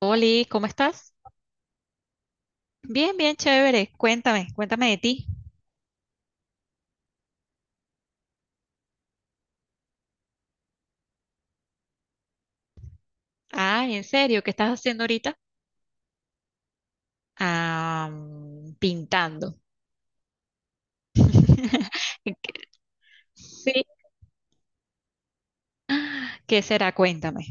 Oli, ¿cómo estás? Bien, bien, chévere. Cuéntame de ti. Ah, ¿en serio? ¿Qué estás haciendo ahorita? Ah, pintando. ¿Qué- Sí, ¿qué será? Cuéntame.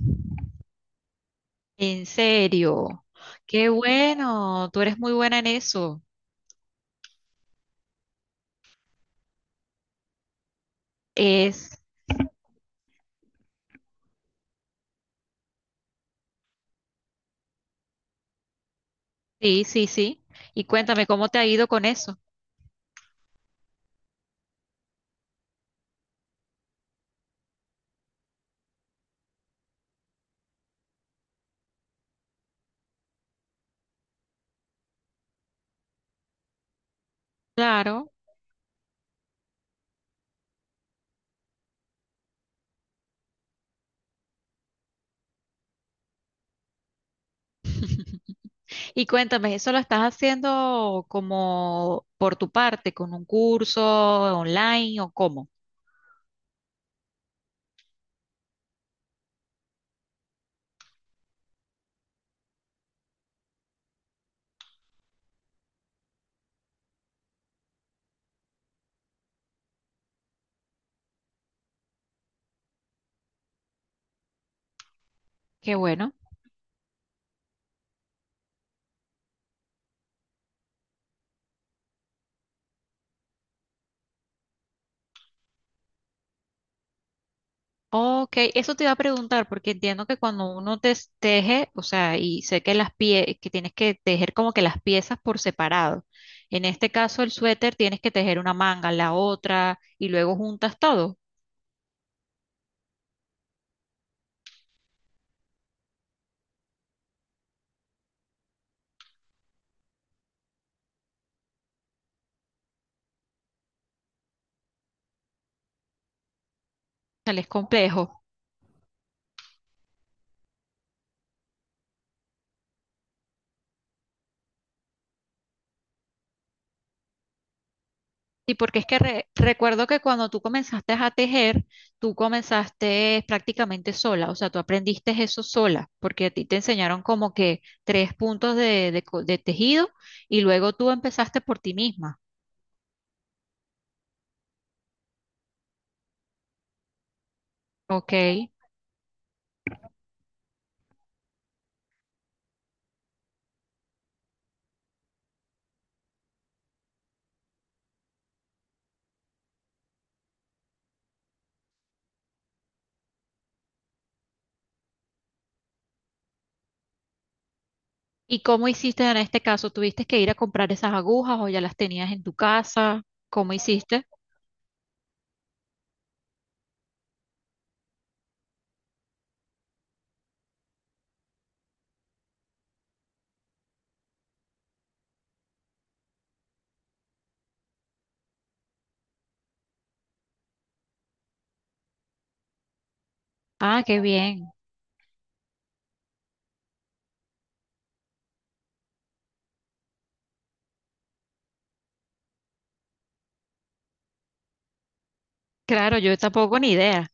En serio. Qué bueno, tú eres muy buena en eso. Es, sí, sí, sí. Y cuéntame, ¿cómo te ha ido con eso? Claro. Y cuéntame, ¿eso lo estás haciendo como por tu parte, con un curso online o cómo? Qué bueno. Ok, eso te iba a preguntar porque entiendo que cuando uno te teje, o sea, y sé que las pie que tienes que tejer como que las piezas por separado. En este caso, el suéter tienes que tejer una manga, la otra, y luego juntas todo. O sea, es complejo. Sí, porque es que recuerdo que cuando tú comenzaste a tejer, tú comenzaste prácticamente sola, o sea, tú aprendiste eso sola, porque a ti te enseñaron como que tres puntos de, de tejido y luego tú empezaste por ti misma, ¿ok? ¿Y cómo hiciste en este caso? ¿Tuviste que ir a comprar esas agujas o ya las tenías en tu casa? ¿Cómo hiciste? Ah, qué bien. Claro, yo tampoco ni idea.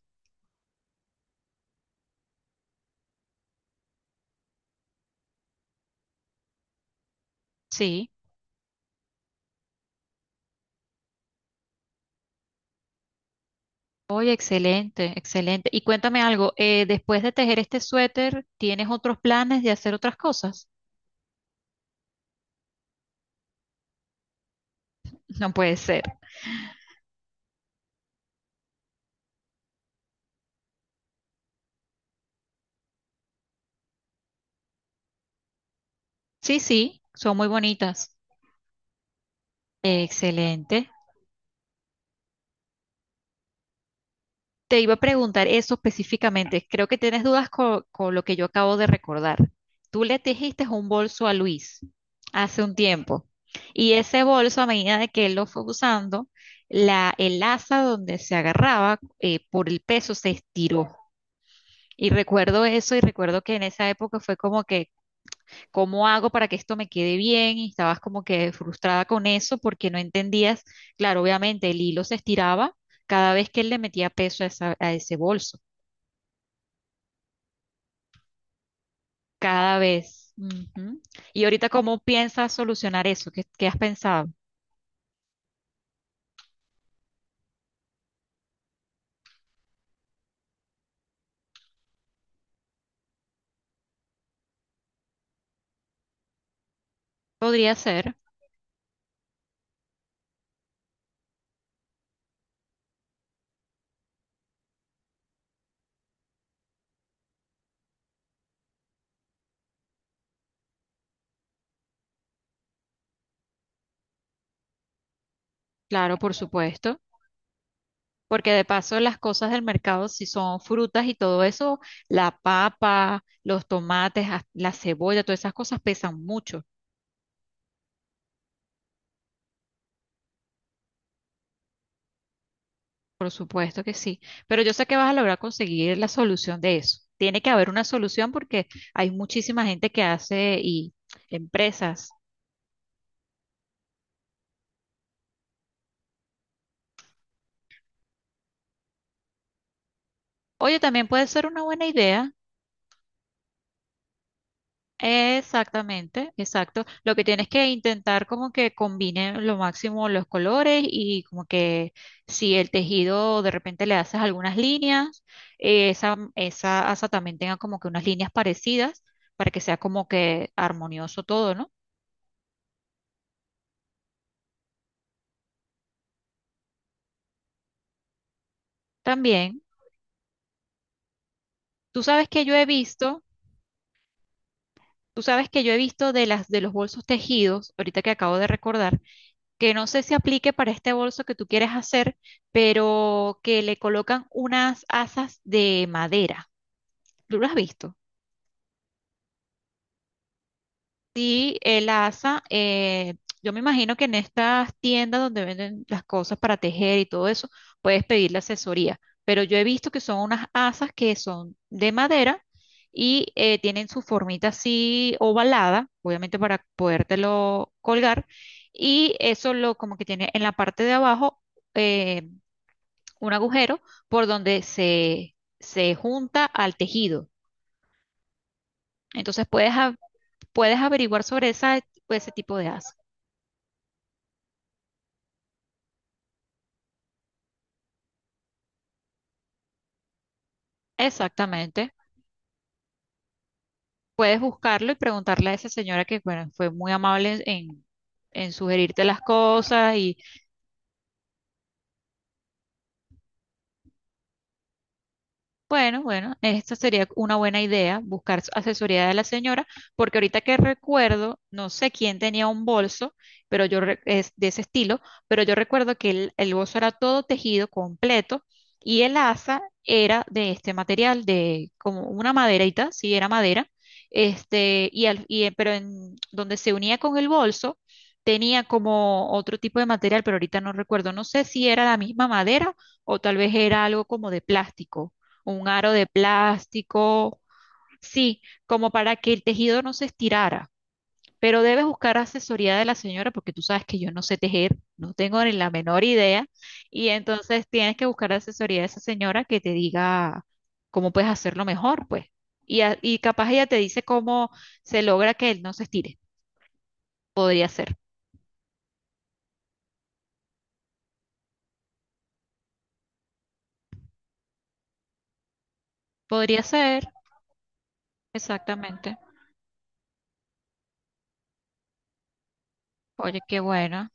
Sí. Oye, excelente, excelente. Y cuéntame algo, después de tejer este suéter, ¿tienes otros planes de hacer otras cosas? No puede ser. Sí, sí, son muy bonitas. Excelente. Te iba a preguntar eso específicamente. Creo que tienes dudas con, lo que yo acabo de recordar. Tú le tejiste un bolso a Luis hace un tiempo y ese bolso a medida de que él lo fue usando, la, el asa donde se agarraba por el peso se estiró. Y recuerdo eso y recuerdo que en esa época fue como que, ¿cómo hago para que esto me quede bien? Y estabas como que frustrada con eso porque no entendías, claro, obviamente el hilo se estiraba cada vez que él le metía peso a, a ese bolso, cada vez. Ujú. Y ahorita, ¿cómo piensas solucionar eso? ¿Qué, qué has pensado? Podría ser, claro, por supuesto, porque de paso las cosas del mercado, si son frutas y todo eso, la papa, los tomates, hasta la cebolla, todas esas cosas pesan mucho. Por supuesto que sí, pero yo sé que vas a lograr conseguir la solución de eso. Tiene que haber una solución porque hay muchísima gente que hace y empresas. Oye, también puede ser una buena idea. Exactamente, exacto. Lo que tienes que intentar como que combine lo máximo los colores y como que si el tejido de repente le haces algunas líneas, esa, esa asa también tenga como que unas líneas parecidas para que sea como que armonioso todo, ¿no? También. Tú sabes que yo he visto, tú sabes que yo he visto de las de los bolsos tejidos, ahorita que acabo de recordar, que no sé si aplique para este bolso que tú quieres hacer, pero que le colocan unas asas de madera. ¿Tú lo has visto? Sí, el asa, yo me imagino que en estas tiendas donde venden las cosas para tejer y todo eso, puedes pedir la asesoría, pero yo he visto que son unas asas que son de madera y tienen su formita así ovalada, obviamente para podértelo colgar, y eso lo como que tiene en la parte de abajo eh, un agujero por donde se junta al tejido. Entonces puedes, puedes averiguar sobre esa, ese tipo de asas. Exactamente. Puedes buscarlo y preguntarle a esa señora que, bueno, fue muy amable en sugerirte las cosas. Bueno, bueno, esta sería una buena idea, buscar asesoría de la señora, porque ahorita que recuerdo, no sé quién tenía un bolso, pero yo es de ese estilo, pero yo recuerdo que el bolso era todo tejido completo y el asa era de este material, de como una maderita, sí, era madera, este, y, y pero en donde se unía con el bolso tenía como otro tipo de material, pero ahorita no recuerdo, no sé si era la misma madera o tal vez era algo como de plástico un aro de plástico, sí, como para que el tejido no se estirara. Pero debes buscar asesoría de la señora porque tú sabes que yo no sé tejer, no tengo ni la menor idea. Y entonces tienes que buscar asesoría de esa señora que te diga cómo puedes hacerlo mejor, pues. Y, y capaz ella te dice cómo se logra que él no se estire. Podría ser. Podría ser, exactamente. Oye, qué bueno.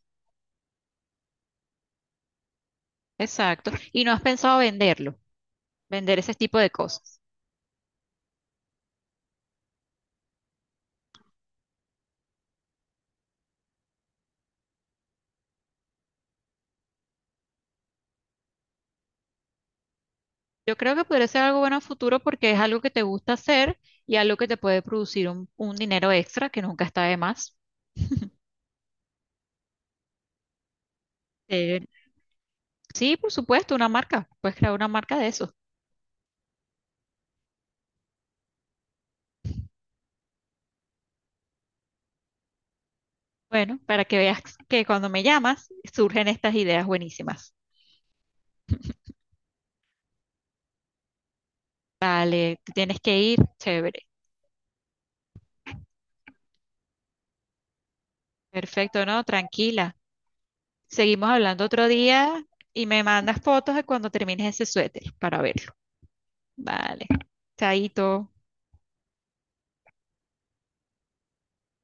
Exacto. Y no has pensado venderlo, vender ese tipo de cosas. Yo creo que podría ser algo bueno a futuro porque es algo que te gusta hacer y algo que te puede producir un dinero extra que nunca está de más. Eh, sí, por supuesto, una marca. Puedes crear una marca de eso. Bueno, para que veas que cuando me llamas surgen estas ideas buenísimas. Vale, te tienes que ir, chévere. Perfecto, ¿no? Tranquila. Seguimos hablando otro día y me mandas fotos de cuando termines ese suéter para verlo. Vale. Chaito.